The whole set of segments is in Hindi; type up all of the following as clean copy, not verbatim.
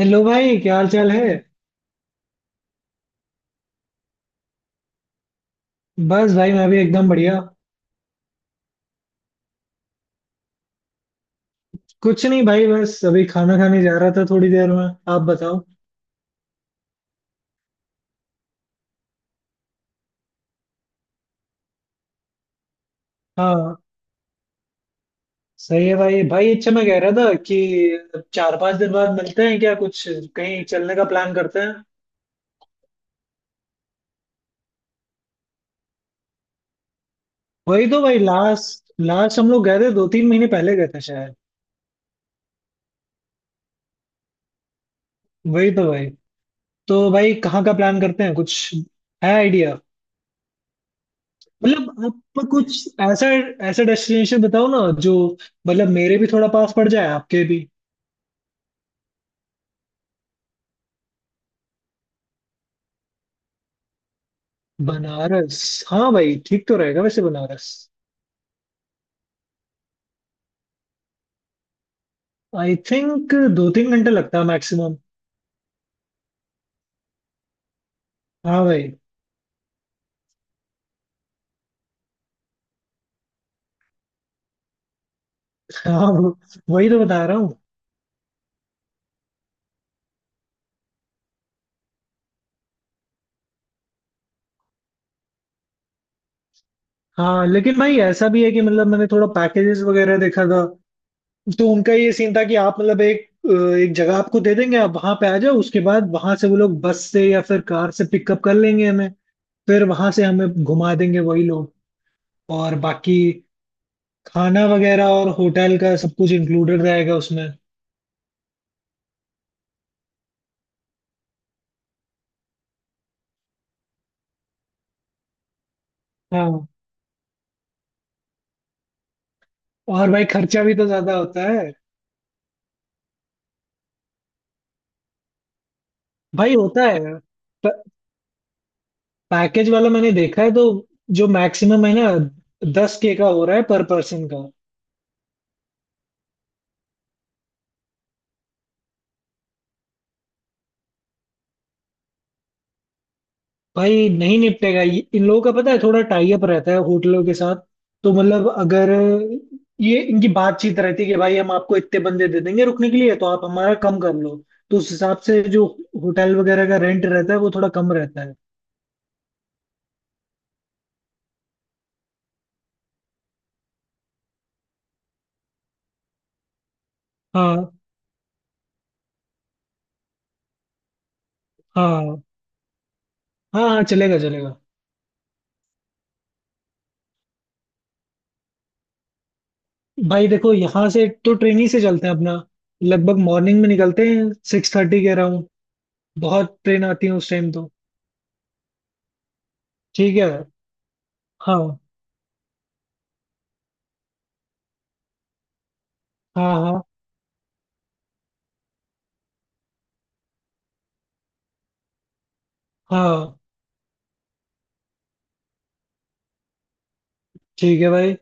हेलो भाई, क्या हाल चाल है। बस भाई, मैं भी एकदम बढ़िया। कुछ नहीं भाई, बस अभी खाना खाने जा रहा था थोड़ी देर में। आप बताओ। हाँ। सही है भाई भाई, अच्छा मैं कह रहा था कि 4-5 दिन बाद मिलते हैं क्या कुछ, कहीं चलने का प्लान करते हैं। वही तो भाई, लास्ट लास्ट हम लोग गए थे, 2-3 महीने पहले गए थे शायद। वही तो भाई। तो भाई कहाँ का प्लान करते हैं कुछ, है आइडिया? मतलब आप कुछ ऐसा ऐसा डेस्टिनेशन बताओ ना जो, मतलब मेरे भी थोड़ा पास पड़ जाए, आपके भी। बनारस? हाँ भाई, ठीक तो रहेगा वैसे बनारस। आई थिंक 2-3 घंटे लगता है मैक्सिमम। हाँ भाई। हाँ वो- वही तो बता रहा हूँ। हाँ लेकिन भाई ऐसा भी है कि मतलब मैंने थोड़ा पैकेजेस वगैरह देखा था, तो उनका ये सीन था कि आप मतलब एक एक जगह आपको दे देंगे, आप वहां पे आ जाओ, उसके बाद वहां से वो लोग बस से या फिर कार से पिकअप कर लेंगे हमें। फिर वहां से हमें घुमा देंगे वही लोग। और बाकी खाना वगैरह और होटल का सब कुछ इंक्लूडेड रहेगा उसमें। हाँ। और भाई खर्चा भी तो ज्यादा होता है। भाई होता है, पैकेज वाला मैंने देखा है तो। जो मैक्सिमम है ना, 10K का हो रहा है पर पर्सन का। भाई नहीं निपटेगा इन लोगों का पता है, थोड़ा टाई अप रहता है होटलों के साथ। तो मतलब अगर ये इनकी बातचीत रहती है कि भाई हम आपको इतने बंदे दे देंगे रुकने के लिए तो आप हमारा कम कर लो, तो उस हिसाब से जो होटल वगैरह का रेंट रहता है वो थोड़ा कम रहता है। हाँ। हाँ हाँ, हाँ चलेगा चलेगा। भाई देखो, यहाँ से तो ट्रेन ही से चलते हैं अपना। लगभग मॉर्निंग में निकलते हैं, 6:30 कह रहा हूँ। बहुत ट्रेन आती है उस टाइम तो। ठीक है। हाँ हाँ। हाँ हाँ। ठीक है भाई।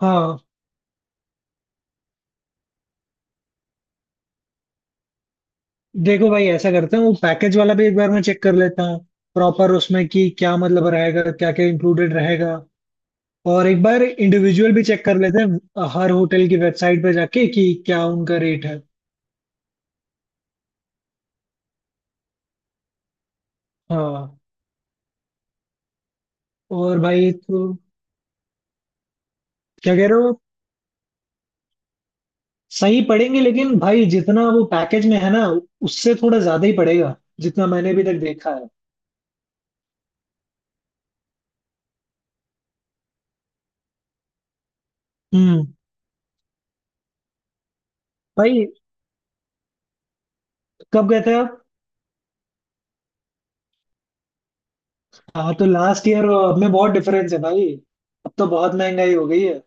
हाँ। देखो भाई ऐसा करते हैं, वो पैकेज वाला भी एक बार मैं चेक कर लेता हूँ प्रॉपर उसमें कि क्या मतलब रहेगा, क्या क्या इंक्लूडेड रहेगा। और एक बार इंडिविजुअल भी चेक कर लेते हैं हर होटल की वेबसाइट पे जाके कि क्या उनका रेट है। हाँ। और भाई तो क्या कह रहे हो? सही पड़ेंगे, लेकिन भाई जितना वो पैकेज में है ना, उससे थोड़ा ज्यादा ही पड़ेगा जितना मैंने अभी तक देखा है। हम्म। भाई कब गए थे आप? हाँ तो लास्ट ईयर और अब में बहुत डिफरेंस है भाई। अब तो बहुत महंगाई हो गई है।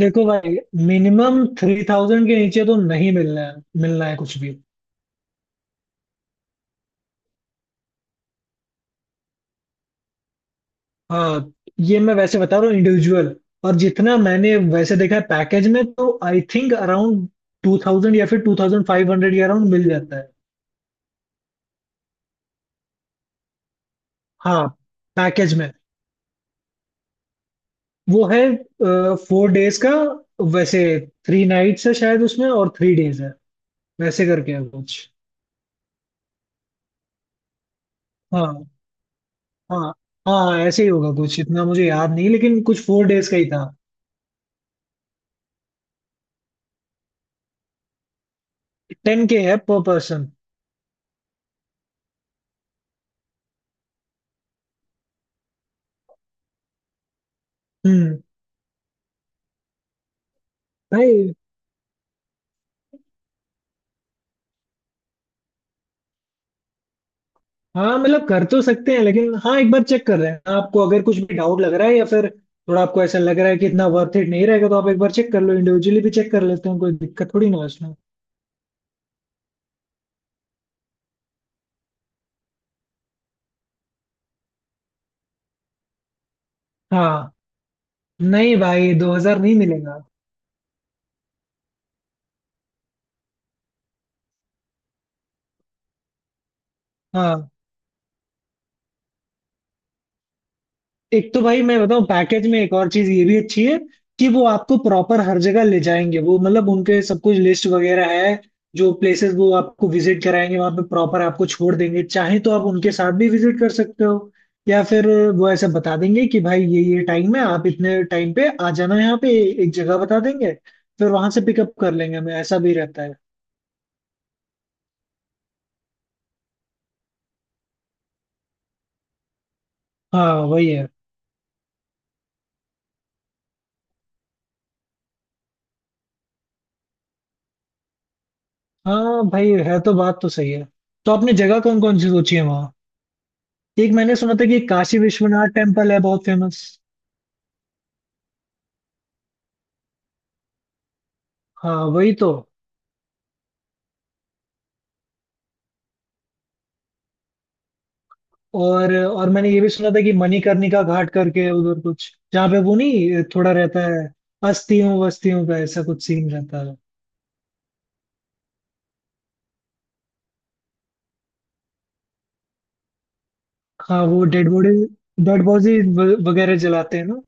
देखो भाई, मिनिमम 3,000 के नीचे तो नहीं मिलना है, मिलना है कुछ भी। हाँ। ये मैं वैसे बता रहा हूँ इंडिविजुअल। और जितना मैंने वैसे देखा है पैकेज में, तो आई थिंक अराउंड 2,000 या फिर 2,500 के अराउंड मिल जाता है। हाँ। पैकेज में वो है 4 डेज का वैसे। 3 नाइट्स है शायद उसमें और 3 डेज है वैसे करके है कुछ। हाँ। हाँ। हाँ, ऐसे ही होगा कुछ, इतना मुझे याद नहीं, लेकिन कुछ 4 डेज का ही था। 10K है पर पर्सन। हम्म। भाई। हाँ मतलब कर तो सकते हैं, लेकिन हाँ एक बार चेक कर रहे हैं, आपको अगर कुछ भी डाउट लग रहा है या फिर थोड़ा आपको ऐसा लग रहा है कि इतना वर्थ इट नहीं रहेगा, तो आप एक बार चेक कर लो। इंडिविजुअली भी चेक कर लेते हैं, कोई दिक्कत थोड़ी ना है उसमें। हाँ। नहीं भाई, 2,000 नहीं मिलेगा। हाँ। एक तो भाई मैं बताऊं, पैकेज में एक और चीज ये भी अच्छी है कि वो आपको प्रॉपर हर जगह ले जाएंगे, वो मतलब उनके सब कुछ लिस्ट वगैरह है जो प्लेसेस वो आपको विजिट कराएंगे, वहां पे प्रॉपर आपको छोड़ देंगे, चाहे तो आप उनके साथ भी विजिट कर सकते हो। या फिर वो ऐसा बता देंगे कि भाई ये टाइम है, आप इतने टाइम पे आ जाना है यहाँ पे। एक जगह बता देंगे, फिर वहां से पिकअप कर लेंगे हमें, ऐसा भी रहता है। हाँ वही है। हाँ भाई, है तो बात तो सही है। तो आपने जगह कौन कौन सी सोची है वहाँ? एक मैंने सुना था कि काशी विश्वनाथ टेम्पल है बहुत फेमस। हाँ वही तो। और मैंने ये भी सुना था कि मणिकर्णिका घाट करके है उधर कुछ, जहाँ पे वो नहीं थोड़ा रहता है, अस्थियों वस्तियों का ऐसा कुछ सीन रहता है। हाँ वो डेड बॉडी वगैरह जलाते हैं ना।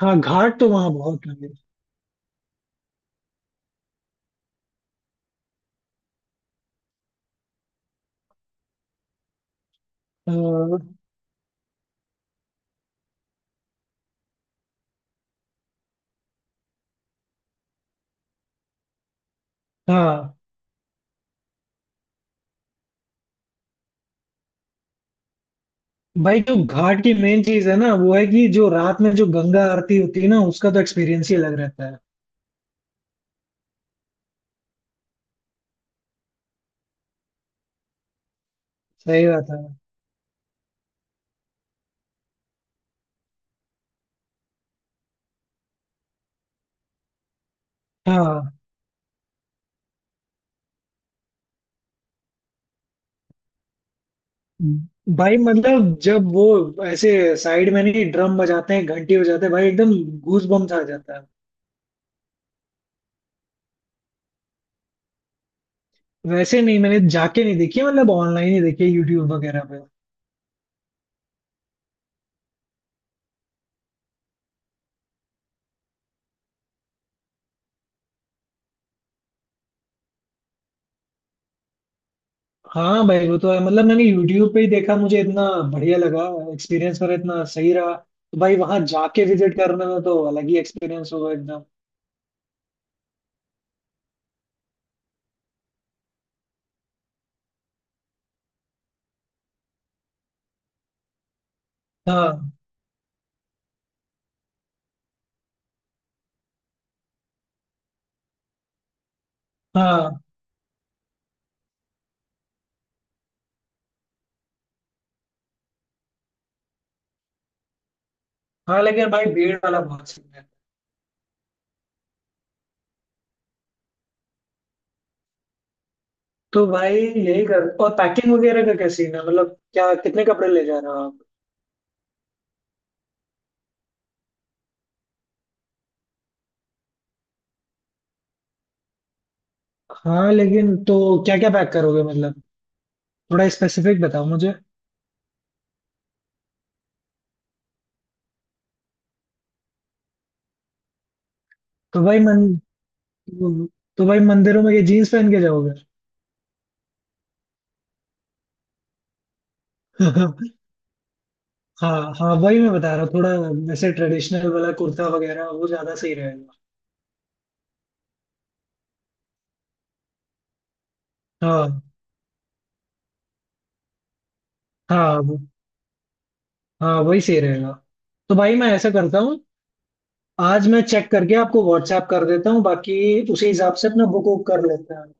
हाँ घाट तो वहाँ बहुत है। अ, हाँ भाई, जो घाट की मेन चीज है ना वो है कि जो रात में जो गंगा आरती होती है ना, उसका तो एक्सपीरियंस ही अलग रहता है। सही बात है। हाँ भाई मतलब जब वो ऐसे साइड में नहीं, ड्रम बजाते हैं घंटी बजाते हैं भाई, एकदम गूज बम्स आ जाता है। वैसे नहीं, मैंने जाके नहीं देखी है, मतलब ऑनलाइन ही देखी है यूट्यूब वगैरह पे। हाँ भाई वो तो है, मतलब मैंने यूट्यूब पे ही देखा, मुझे इतना बढ़िया लगा, एक्सपीरियंस मेरा इतना सही रहा। तो भाई वहां जाके विजिट करने में तो अलग ही एक्सपीरियंस होगा एकदम। हाँ। हाँ। हाँ लेकिन भाई भीड़ वाला बहुत सीन है। तो भाई यही कर, और पैकिंग वगैरह का क्या सीन है? मतलब क्या कितने कपड़े ले जा रहे हो? हाँ लेकिन तो क्या क्या पैक करोगे मतलब, थोड़ा स्पेसिफिक बताओ मुझे। तो भाई मन तो भाई मंदिरों में ये जीन्स पहन के जाओगे? हाँ हाँ, वही मैं बता रहा हूँ थोड़ा। वैसे ट्रेडिशनल वाला कुर्ता वगैरह वो ज्यादा सही रहेगा। हाँ। हाँ वो- हाँ वही सही रहेगा। तो भाई मैं ऐसा करता हूँ, आज मैं चेक करके आपको व्हाट्सएप कर देता हूँ। बाकी उसी हिसाब से अपना बुक वुक कर लेते हैं।